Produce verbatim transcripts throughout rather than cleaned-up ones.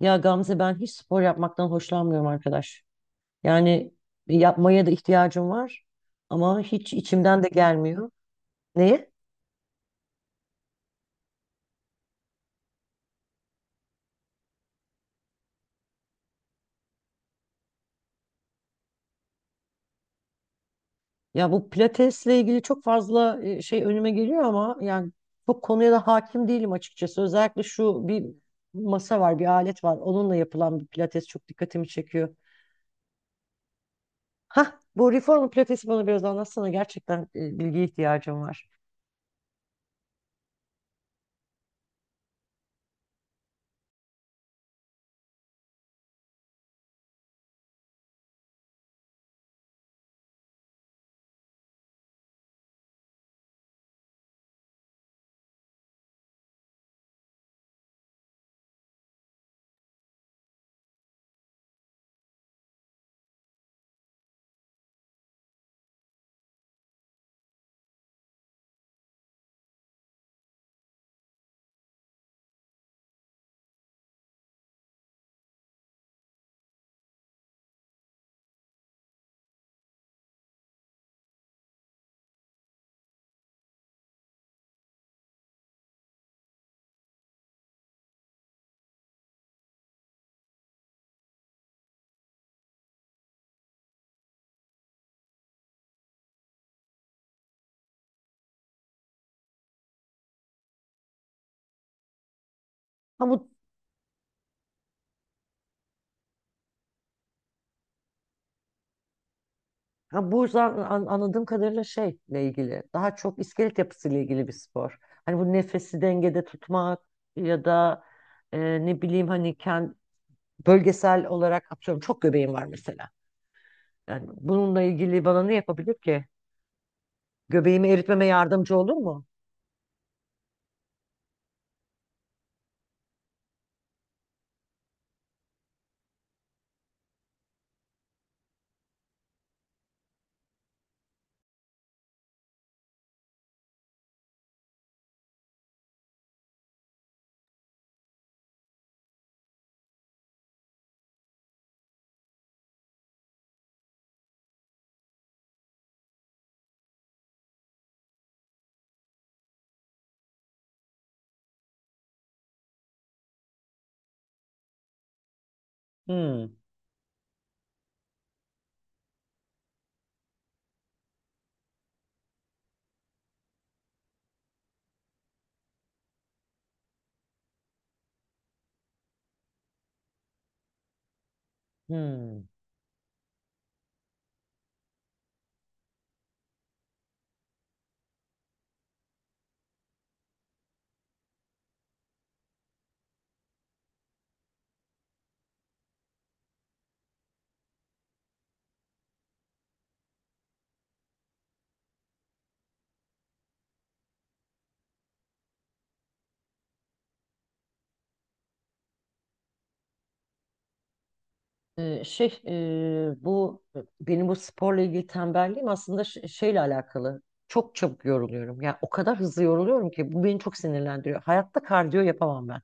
Ya Gamze ben hiç spor yapmaktan hoşlanmıyorum arkadaş. Yani yapmaya da ihtiyacım var ama hiç içimden de gelmiyor. Neye? Ya bu pilatesle ilgili çok fazla e, şey önüme geliyor ama yani çok konuya da hakim değilim açıkçası. Özellikle şu bir masa var, bir alet var. Onunla yapılan bir pilates çok dikkatimi çekiyor. Hah, bu reformer pilatesi bana biraz anlatsana. Gerçekten e, bilgiye ihtiyacım var. Ha bu. Ha, Bursa an- anladığım kadarıyla şeyle ilgili, daha çok iskelet yapısıyla ilgili bir spor. Hani bu nefesi dengede tutmak ya da e, ne bileyim hani kend, bölgesel olarak atıyorum çok göbeğim var mesela. Yani bununla ilgili bana ne yapabilir ki? Göbeğimi eritmeme yardımcı olur mu? Hmm. Hmm. Ee, şey e, bu benim bu sporla ilgili tembelliğim aslında ş- şeyle alakalı. Çok çabuk yoruluyorum. Yani o kadar hızlı yoruluyorum ki bu beni çok sinirlendiriyor. Hayatta kardiyo yapamam ben.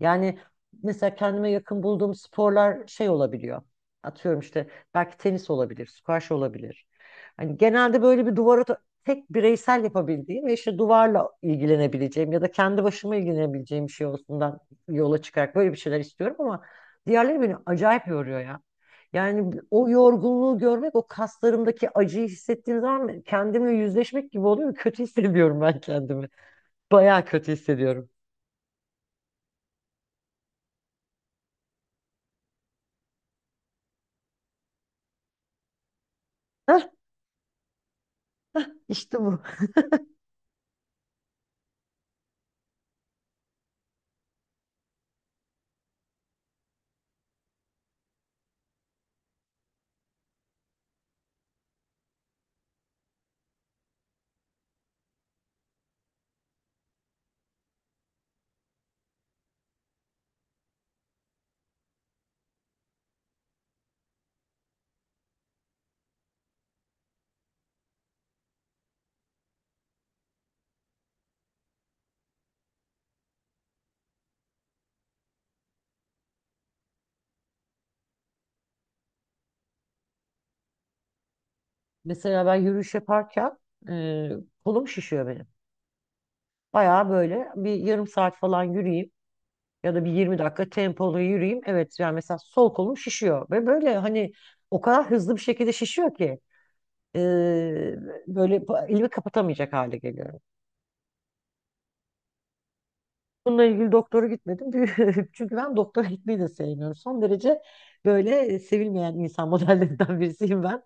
Yani mesela kendime yakın bulduğum sporlar şey olabiliyor. Atıyorum işte belki tenis olabilir, squash olabilir. Hani genelde böyle bir duvara ta- tek bireysel yapabildiğim ve işte duvarla ilgilenebileceğim ya da kendi başıma ilgilenebileceğim bir şey olsundan yola çıkarak böyle bir şeyler istiyorum ama diğerleri beni acayip yoruyor ya. Yani o yorgunluğu görmek, o kaslarımdaki acıyı hissettiğim zaman kendimle yüzleşmek gibi oluyor. Kötü hissediyorum ben kendimi. Bayağı kötü hissediyorum. Heh, işte bu. Mesela ben yürüyüş yaparken e, kolum şişiyor benim. Bayağı böyle bir yarım saat falan yürüyeyim ya da bir yirmi dakika tempolu yürüyeyim. Evet yani mesela sol kolum şişiyor ve böyle hani o kadar hızlı bir şekilde şişiyor ki e, böyle pa- elimi kapatamayacak hale geliyorum. Bununla ilgili doktora gitmedim. Çünkü ben doktora gitmeyi de sevmiyorum. Son derece böyle sevilmeyen insan modellerinden birisiyim ben.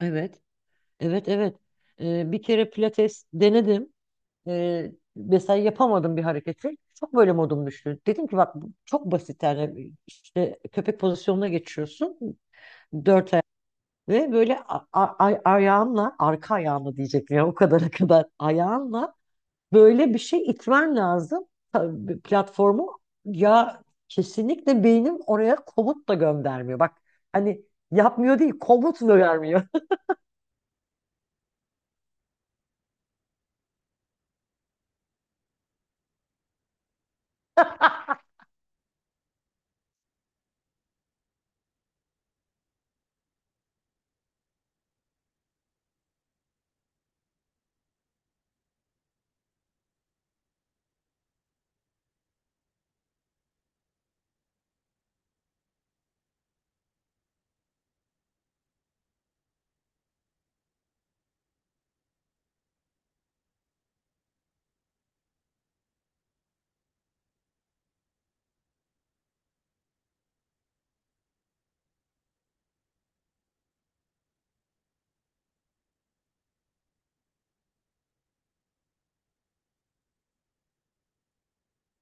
Evet, evet, evet. E, bir kere pilates denedim. E, mesela yapamadım bir hareketi. Çok böyle modum düştü. Dedim ki bak bu çok basit yani işte köpek pozisyonuna geçiyorsun. Dört ayak ve böyle a- a- ay- ayağınla arka ayağınla diyecektim ya o kadara kadar ayağınla böyle bir şey itmen lazım. Tabii platformu, ya kesinlikle beynim oraya komut da göndermiyor. Bak hani yapmıyor değil komut da vermiyor.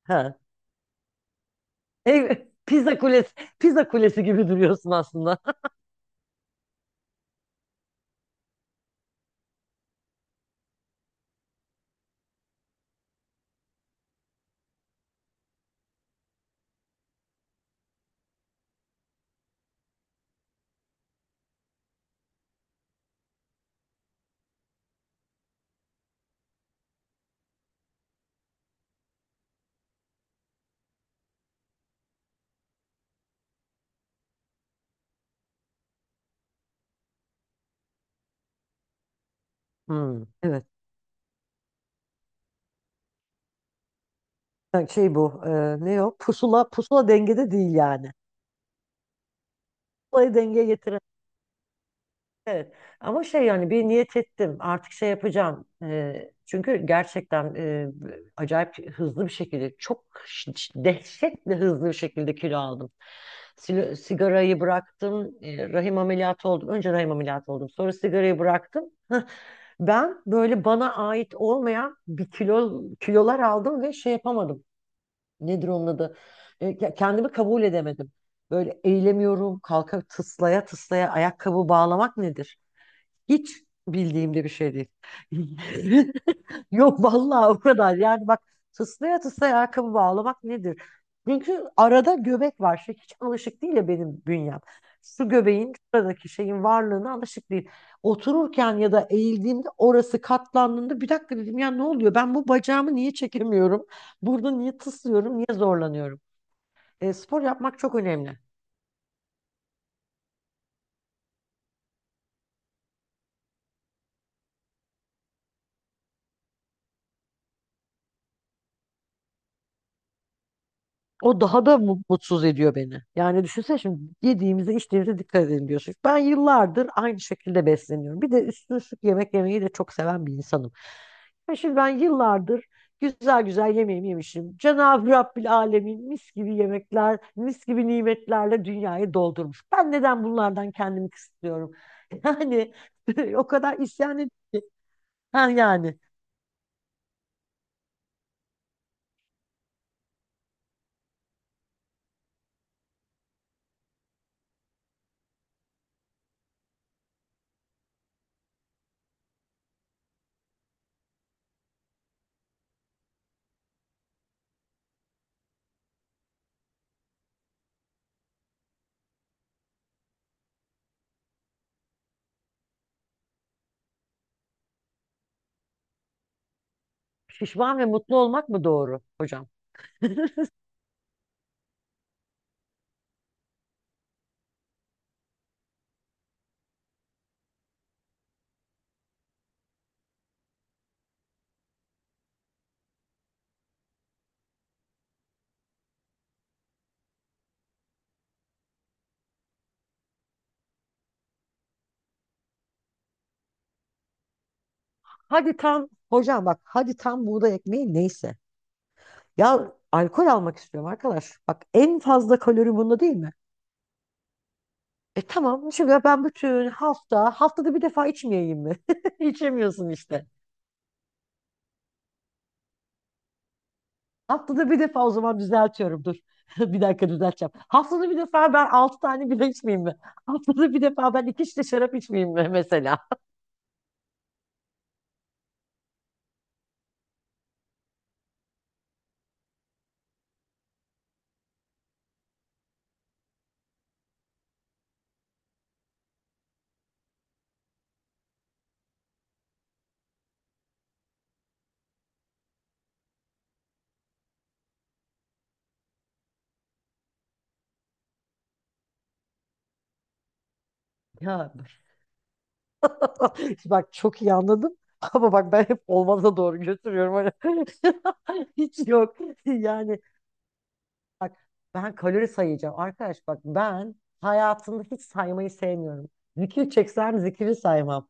Ha. Ev, pizza kulesi, pizza kulesi gibi duruyorsun aslında. Hmm, evet. Ha, şey bu e, ne o pusula, pusula dengede değil yani. Pusulayı dengeye getiren, evet. Ama şey yani bir niyet ettim artık şey yapacağım. E, çünkü gerçekten e, acayip hızlı bir şekilde çok ş- ş- dehşetle hızlı bir şekilde kilo aldım. Sil- sigarayı bıraktım, e, rahim ameliyatı oldum. Önce rahim ameliyatı oldum sonra sigarayı bıraktım. Ben böyle bana ait olmayan bir kilo kilolar aldım ve şey yapamadım. Nedir onun adı? E, ya kendimi kabul edemedim. Böyle eğilemiyorum, kalka tıslaya tıslaya ayakkabı bağlamak nedir? Hiç bildiğimde bir şey değil. Yok vallahi o kadar. Yani bak, tıslaya tıslaya ayakkabı bağlamak nedir? Çünkü arada göbek var. Şey, hiç alışık değil ya benim bünyem. Şu göbeğin, şuradaki şeyin varlığına alışık değil. Otururken ya da eğildiğimde orası katlandığında bir dakika dedim ya ne oluyor? Ben bu bacağımı niye çekemiyorum? Burada niye tıslıyorum? Niye zorlanıyorum? E, spor yapmak çok önemli. O daha da mu- mutsuz ediyor beni. Yani düşünsene, şimdi yediğimize içtiğimize dikkat edelim diyorsun. Ben yıllardır aynı şekilde besleniyorum. Bir de üstüne üstlük yemek yemeyi de çok seven bir insanım. Ya şimdi ben yıllardır güzel güzel yemeğimi yemişim. Cenab-ı Rabbil Alemin mis gibi yemekler, mis gibi nimetlerle dünyayı doldurmuş. Ben neden bunlardan kendimi kısıtlıyorum? Yani o kadar isyan ediyorum ki. Ha yani pişman ve mutlu olmak mı doğru hocam? Hadi tam hocam bak, hadi tam buğday ekmeği neyse. Ya alkol almak istiyorum arkadaş. Bak en fazla kalori bunda değil mi? E tamam, şimdi ben bütün hafta haftada bir defa içmeyeyim mi? İçemiyorsun işte. Haftada bir defa o zaman, düzeltiyorum dur. Bir dakika düzelteceğim. Haftada bir defa ben altı tane bile içmeyeyim mi? Haftada bir defa ben iki şişe şarap içmeyeyim mi mesela? Ya bak çok iyi anladım. Ama bak ben hep olmaza doğru götürüyorum. Hani hiç yok. Yani bak, ben kalori sayacağım. Arkadaş bak ben hayatımda hiç saymayı sevmiyorum. Zikir çeksem zikiri saymam.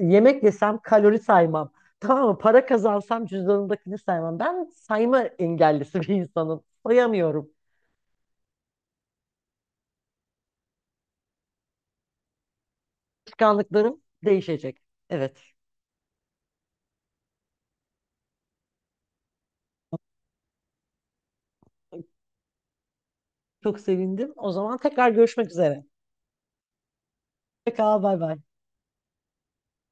Yemek yesem kalori saymam. Tamam mı? Para kazansam cüzdanımdakini saymam. Ben sayma engellisi bir insanım. Sayamıyorum. Alışkanlıklarım değişecek. Evet. Çok sevindim. O zaman tekrar görüşmek üzere. Pekala bay bay.